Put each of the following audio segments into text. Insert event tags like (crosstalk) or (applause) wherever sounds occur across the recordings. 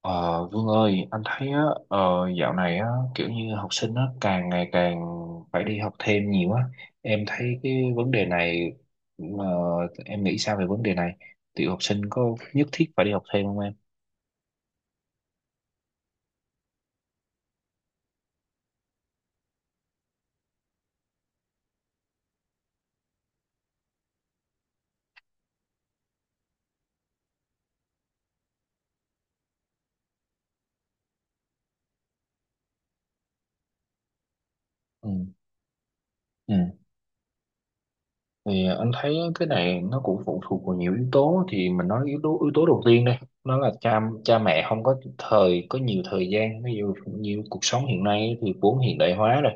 Ờ, Vương ơi, anh thấy á, ờ, dạo này á, kiểu như học sinh á, càng ngày càng phải đi học thêm nhiều á. Em thấy cái vấn đề này, ờ, em nghĩ sao về vấn đề này? Tiểu học sinh có nhất thiết phải đi học thêm không em? Ừ. Ừ. Thì anh thấy cái này nó cũng phụ thuộc vào nhiều yếu tố, thì mình nói yếu tố đầu tiên đây, nó là cha cha mẹ không có thời, có nhiều thời gian. Ví dụ như cuộc sống hiện nay thì vốn hiện đại hóa rồi,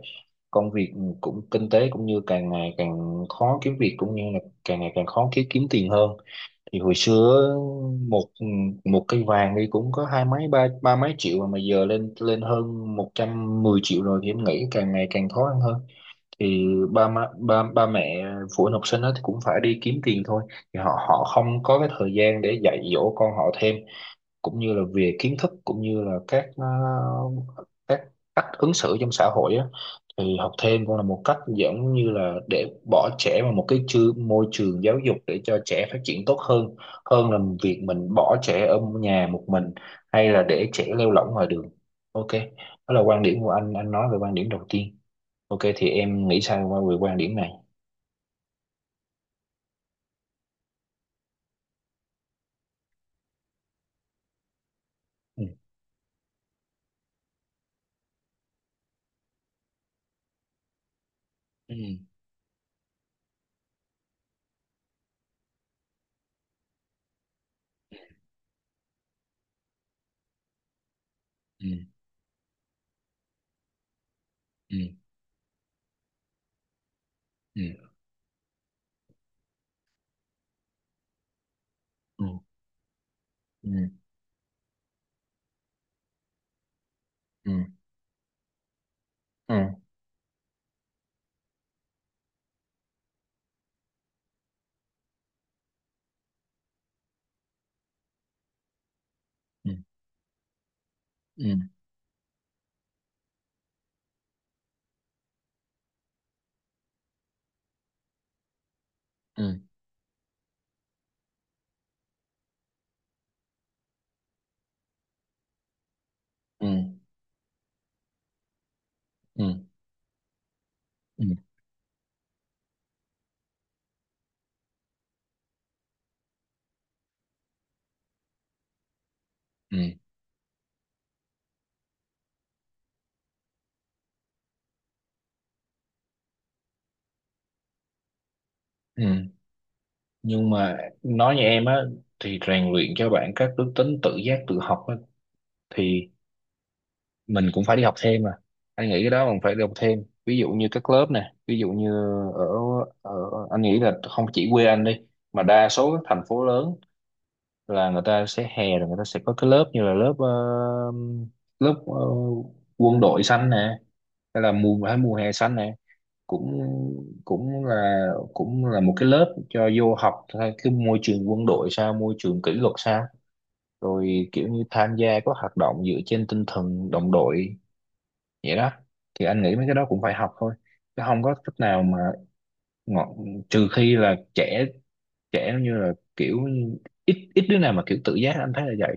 công việc cũng, kinh tế cũng, như càng ngày càng khó kiếm việc, cũng như là càng ngày càng khó kiếm kiếm tiền hơn. Thì hồi xưa một một cây vàng đi cũng có hai mấy, ba ba mấy triệu, mà giờ lên lên hơn 110 triệu rồi, thì em nghĩ càng ngày càng khó ăn hơn. Thì ba má, ba ba mẹ, phụ huynh học sinh đó thì cũng phải đi kiếm tiền thôi. Thì họ họ không có cái thời gian để dạy dỗ con họ thêm, cũng như là về kiến thức, cũng như là các các cách ứng xử trong xã hội á. Thì học thêm cũng là một cách, giống như là để bỏ trẻ vào một cái môi trường giáo dục để cho trẻ phát triển tốt hơn, hơn là việc mình bỏ trẻ ở nhà một mình, hay là để trẻ lêu lỏng ngoài đường. Ok, đó là quan điểm của anh nói về quan điểm đầu tiên. Ok, thì em nghĩ sao qua về quan điểm này? Ừ. Ừ. Ừ. Ừ. Ừ. Ừ. Ừ. Ừ. Ừ. Ừ. Ừ. Ừ. Ừ. Ừ. Ừ. Ừ. Ừ. Nhưng mà nói như em á, thì rèn luyện cho bạn các đức tính tự giác, tự học á, thì mình cũng phải đi học thêm mà. Anh nghĩ cái đó mình phải đi học thêm. Ví dụ như các lớp nè, ví dụ như ở ở anh nghĩ là không chỉ quê anh đi, mà đa số các thành phố lớn là người ta sẽ, hè rồi người ta sẽ có cái lớp như là lớp lớp quân đội xanh nè, hay là mùa hè xanh nè, cũng cũng là cũng là một cái lớp cho vô học theo cái môi trường quân đội sao, môi trường kỷ luật sao, rồi kiểu như tham gia có hoạt động dựa trên tinh thần đồng đội vậy đó. Thì anh nghĩ mấy cái đó cũng phải học thôi, chứ không có cách nào mà, ngọn trừ khi là trẻ, trẻ như là kiểu ít ít đứa nào mà kiểu tự giác, anh thấy là vậy.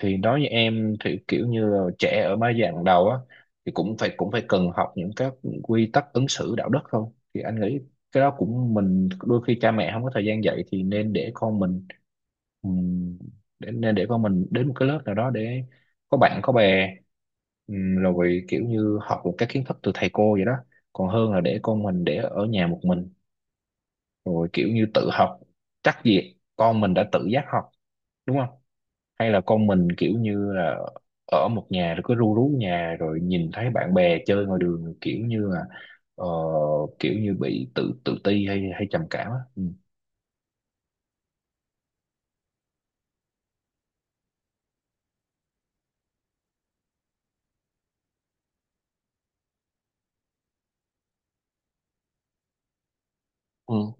Thì đối với em thì kiểu như là trẻ ở mấy giai đoạn đầu á, thì cũng phải cần học những quy tắc ứng xử đạo đức thôi. Thì anh nghĩ cái đó cũng, mình, đôi khi cha mẹ không có thời gian dạy thì nên để con mình, ừm, nên để con mình đến một cái lớp nào đó để có bạn có bè, rồi kiểu như học được các kiến thức từ thầy cô vậy đó, còn hơn là để con mình để ở nhà một mình, rồi kiểu như tự học, chắc gì con mình đã tự giác học, đúng không? Hay là con mình kiểu như là ở một nhà rồi cứ ru rú nhà, rồi nhìn thấy bạn bè chơi ngoài đường, kiểu như là ờ, kiểu như bị tự tự ti, hay hay trầm cảm á. Ừ. Ừ.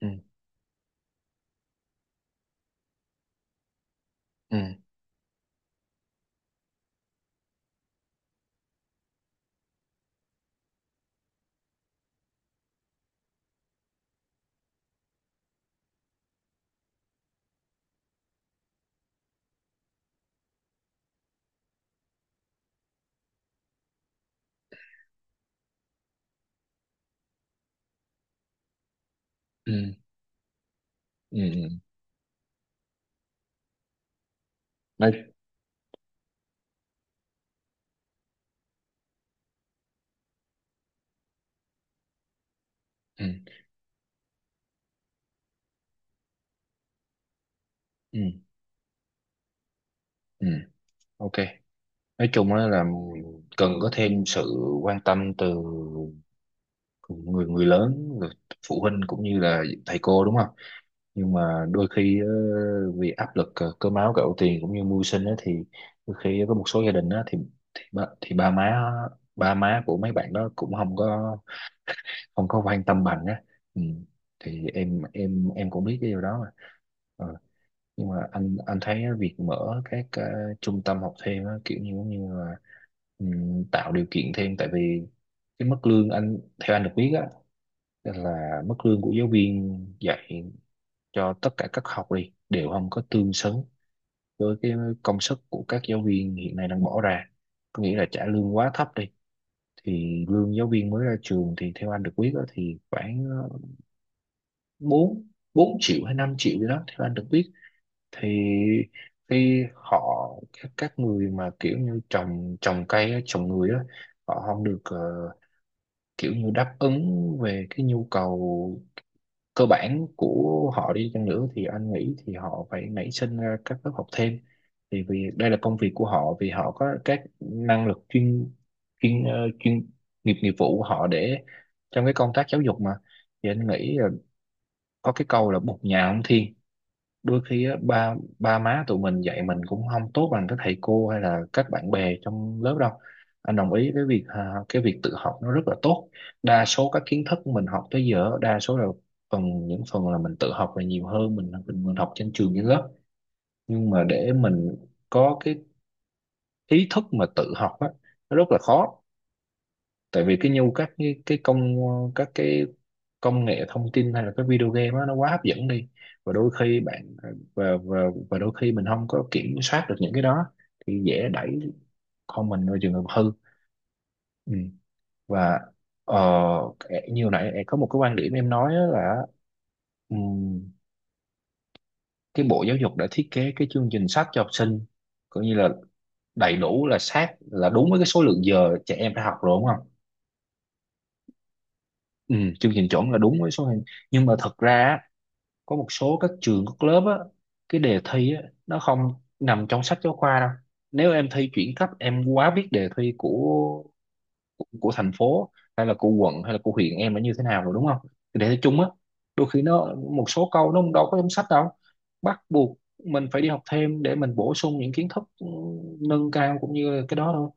Ừ. Ừ. Ừ. Ừ. Ừ. Ừ. nói Ừ, ừ, ừ, ok. Nói chung á là cần có thêm sự quan tâm từ người người lớn, người phụ huynh, cũng như là thầy cô, đúng không? Nhưng mà đôi khi vì áp lực cơm áo gạo tiền cũng như mưu sinh á, thì đôi khi có một số gia đình á, thì thì ba má, ba má của mấy bạn đó cũng không có quan tâm bằng á. Ừ. Thì em em cũng biết cái điều đó mà. Ờ, nhưng mà anh thấy á, việc mở các trung tâm học thêm á, kiểu như giống như là tạo điều kiện thêm. Tại vì cái mức lương, anh theo anh được biết á, là mức lương của giáo viên dạy cho tất cả các học đi đều không có tương xứng với cái công sức của các giáo viên hiện nay đang bỏ ra, có nghĩa là trả lương quá thấp đi. Thì lương giáo viên mới ra trường thì theo anh được biết đó, thì khoảng ờ, 4 4 triệu hay 5 triệu gì đó theo anh được biết. Thì khi họ, các người mà kiểu như trồng trồng cây á, trồng người á, họ không được kiểu như đáp ứng về cái nhu cầu cơ bản của họ đi chăng nữa, thì anh nghĩ thì họ phải nảy sinh ra các lớp học thêm. Thì vì đây là công việc của họ, vì họ có các năng lực chuyên chuyên ờ, chuyên nghiệp, nghiệp vụ của họ để trong cái công tác giáo dục mà. Thì anh nghĩ là có cái câu là bụt nhà không thiên. Đôi khi á, ba ba má tụi mình dạy mình cũng không tốt bằng các thầy cô hay là các bạn bè trong lớp đâu. Anh đồng ý với việc à, cái việc tự học nó rất là tốt. Đa số các kiến thức mình học tới giờ đa số là những phần là mình tự học là nhiều hơn mình học trên trường trên lớp. Nhưng mà để mình có cái ý thức mà tự học á, nó rất là khó. Tại vì cái nhu các cái công nghệ thông tin hay là cái video game đó, nó quá hấp dẫn đi. Và đôi khi bạn ờ, và đôi khi mình không có kiểm soát được những cái đó, thì dễ đẩy con mình vào trường hợp hư. Ừ. và ờ, Như hồi nãy có một cái quan điểm em nói á là ừm, cái bộ giáo dục đã thiết kế cái chương trình sách cho học sinh coi như là đầy đủ, là sát, là đúng với cái số lượng giờ trẻ em phải học rồi, đúng không? Ừ, chương trình chuẩn là đúng với số lượng. Nhưng mà thật ra á, có một số các trường, các lớp á, cái đề thi á nó không nằm trong sách giáo khoa đâu. Nếu em thi chuyển cấp em quá biết đề thi của của thành phố, hay là của quận, hay là của huyện em nó như thế nào rồi, đúng không, cái đề thi chung á. Đôi khi nó một số câu nó đâu có trong sách đâu, bắt buộc mình phải đi học thêm để mình bổ sung những kiến thức nâng cao, cũng như là cái đó thôi.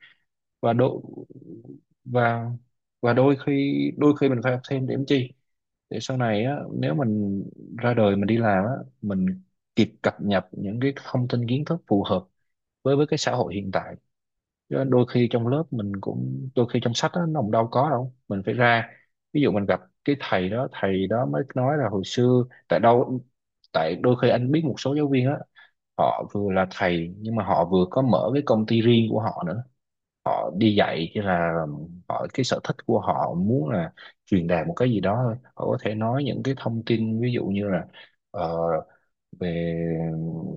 Và đôi và và đôi khi mình phải học thêm để làm chi, để sau này á, nếu mình ra đời mình đi làm á, mình kịp cập nhật những cái thông tin kiến thức phù hợp với cái xã hội hiện tại. Chứ đôi khi trong lớp mình cũng, đôi khi trong sách á, nó cũng đâu có đâu, mình phải ra. Ví dụ mình gặp cái thầy đó, mới nói là hồi xưa tại đâu. Tại đôi khi anh biết một số giáo viên á, họ vừa là thầy nhưng mà họ vừa có mở cái công ty riêng của họ nữa. Đi dạy chỉ là họ, cái sở thích của họ muốn là truyền đạt một cái gì đó thôi. Họ có thể nói những cái thông tin, ví dụ như là ờ, về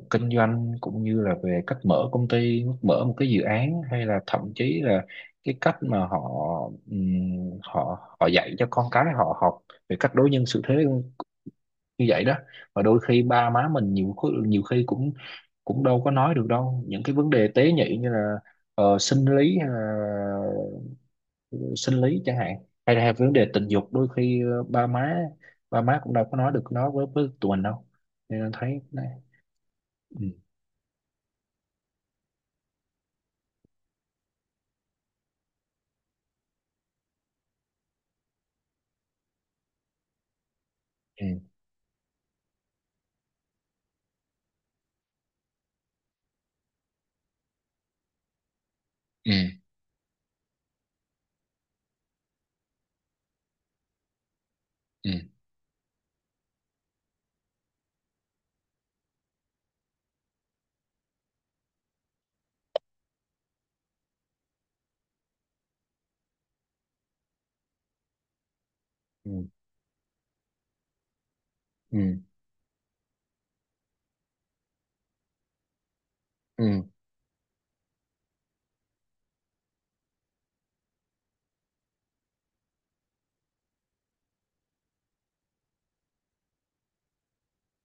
kinh doanh, cũng như là về cách mở công ty, mở một cái dự án, hay là thậm chí là cái cách mà họ họ họ dạy cho con cái họ học về cách đối nhân xử thế như vậy đó. Và đôi khi ba má mình nhiều khi cũng cũng đâu có nói được đâu những cái vấn đề tế nhị, như là ờ, sinh lý hay là sinh lý chẳng hạn, hay là vấn đề tình dục. Đôi khi ba má cũng đâu có nói được nó với tụi mình đâu, nên anh thấy nó-. Ừ. Ừ. Ừ. Ừ. Ừ. Ừ.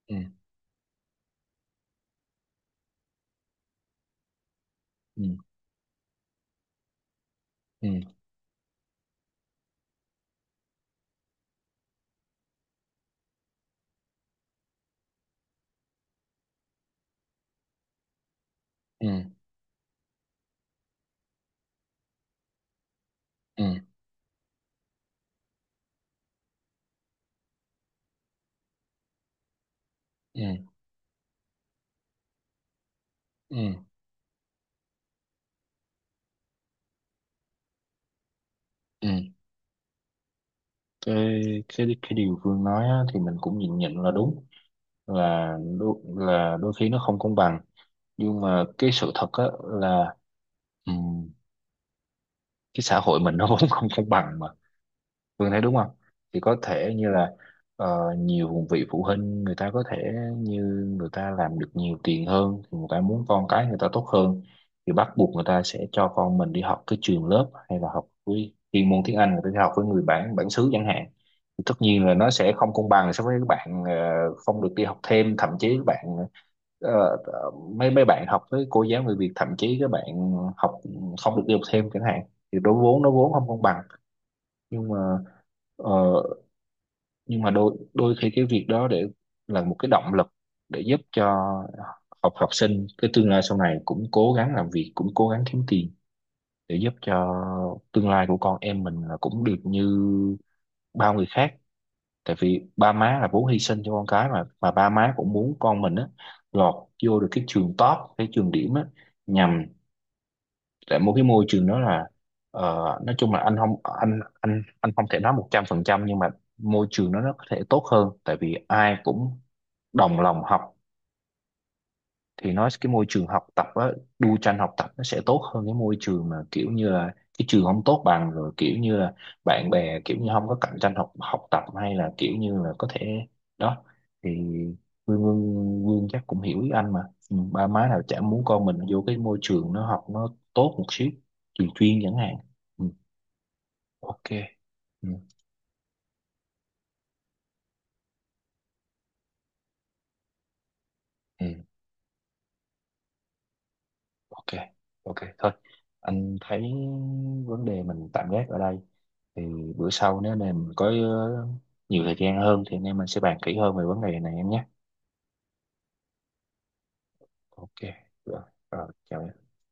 Ừ. Ừ. Ừ. Ừ. Ừ. Ừ. Ừ. Ừ. Ừ. cái cái điều Phương nói á, thì mình cũng nhìn nhận là đúng, là đôi khi nó không công bằng. Nhưng mà cái sự thật á là ừm, cái xã hội mình nó (laughs) vốn không công bằng mà, Phương thấy đúng không? Thì có thể như là nhiều vị phụ huynh người ta có thể như người ta làm được nhiều tiền hơn thì người ta muốn con cái người ta tốt hơn, thì bắt buộc người ta sẽ cho con mình đi học cái trường lớp, hay là học với chuyên môn tiếng Anh người ta đi học với người bản bản xứ chẳng hạn. Thì tất nhiên là nó sẽ không công bằng so với các bạn không được đi học thêm, thậm chí các bạn ờ, ờ, mấy mấy bạn học với cô giáo người Việt, thậm chí các bạn học không được đi học thêm chẳng hạn, thì đối vốn nó vốn không công bằng. Nhưng mà ờ, đôi đôi khi cái việc đó để là một cái động lực để giúp cho học học sinh, cái tương lai sau này cũng cố gắng làm việc, cũng cố gắng kiếm tiền để giúp cho tương lai của con em mình là cũng được như bao người khác. Tại vì ba má là vốn hy sinh cho con cái mà, ba má cũng muốn con mình á lọt vô được cái trường top, cái trường điểm á, nhằm tại một cái môi trường đó là ờ, nói chung là anh không thể nói 100%. Nhưng mà môi trường đó nó có thể tốt hơn, tại vì ai cũng đồng lòng học. Thì nói cái môi trường học tập á, đu tranh học tập nó sẽ tốt hơn cái môi trường mà kiểu như là cái trường không tốt bằng, rồi kiểu như là bạn bè kiểu như không có cạnh tranh học học tập, hay là kiểu như là có thể, đó. Thì Vương Vương, Vương chắc cũng hiểu ý anh mà. Ừ, ba má nào chả muốn con mình vô cái môi trường nó học nó tốt một xíu, trường chuyên chẳng hạn. Ừ, ok. Ừ, ừ. Ok. Ok thôi, anh thấy vấn đề mình tạm gác ở đây. Thì bữa sau nếu anh em có nhiều thời gian hơn thì anh em mình sẽ bàn kỹ hơn về vấn đề này em nhé. Ok. Rồi, rồi chào em.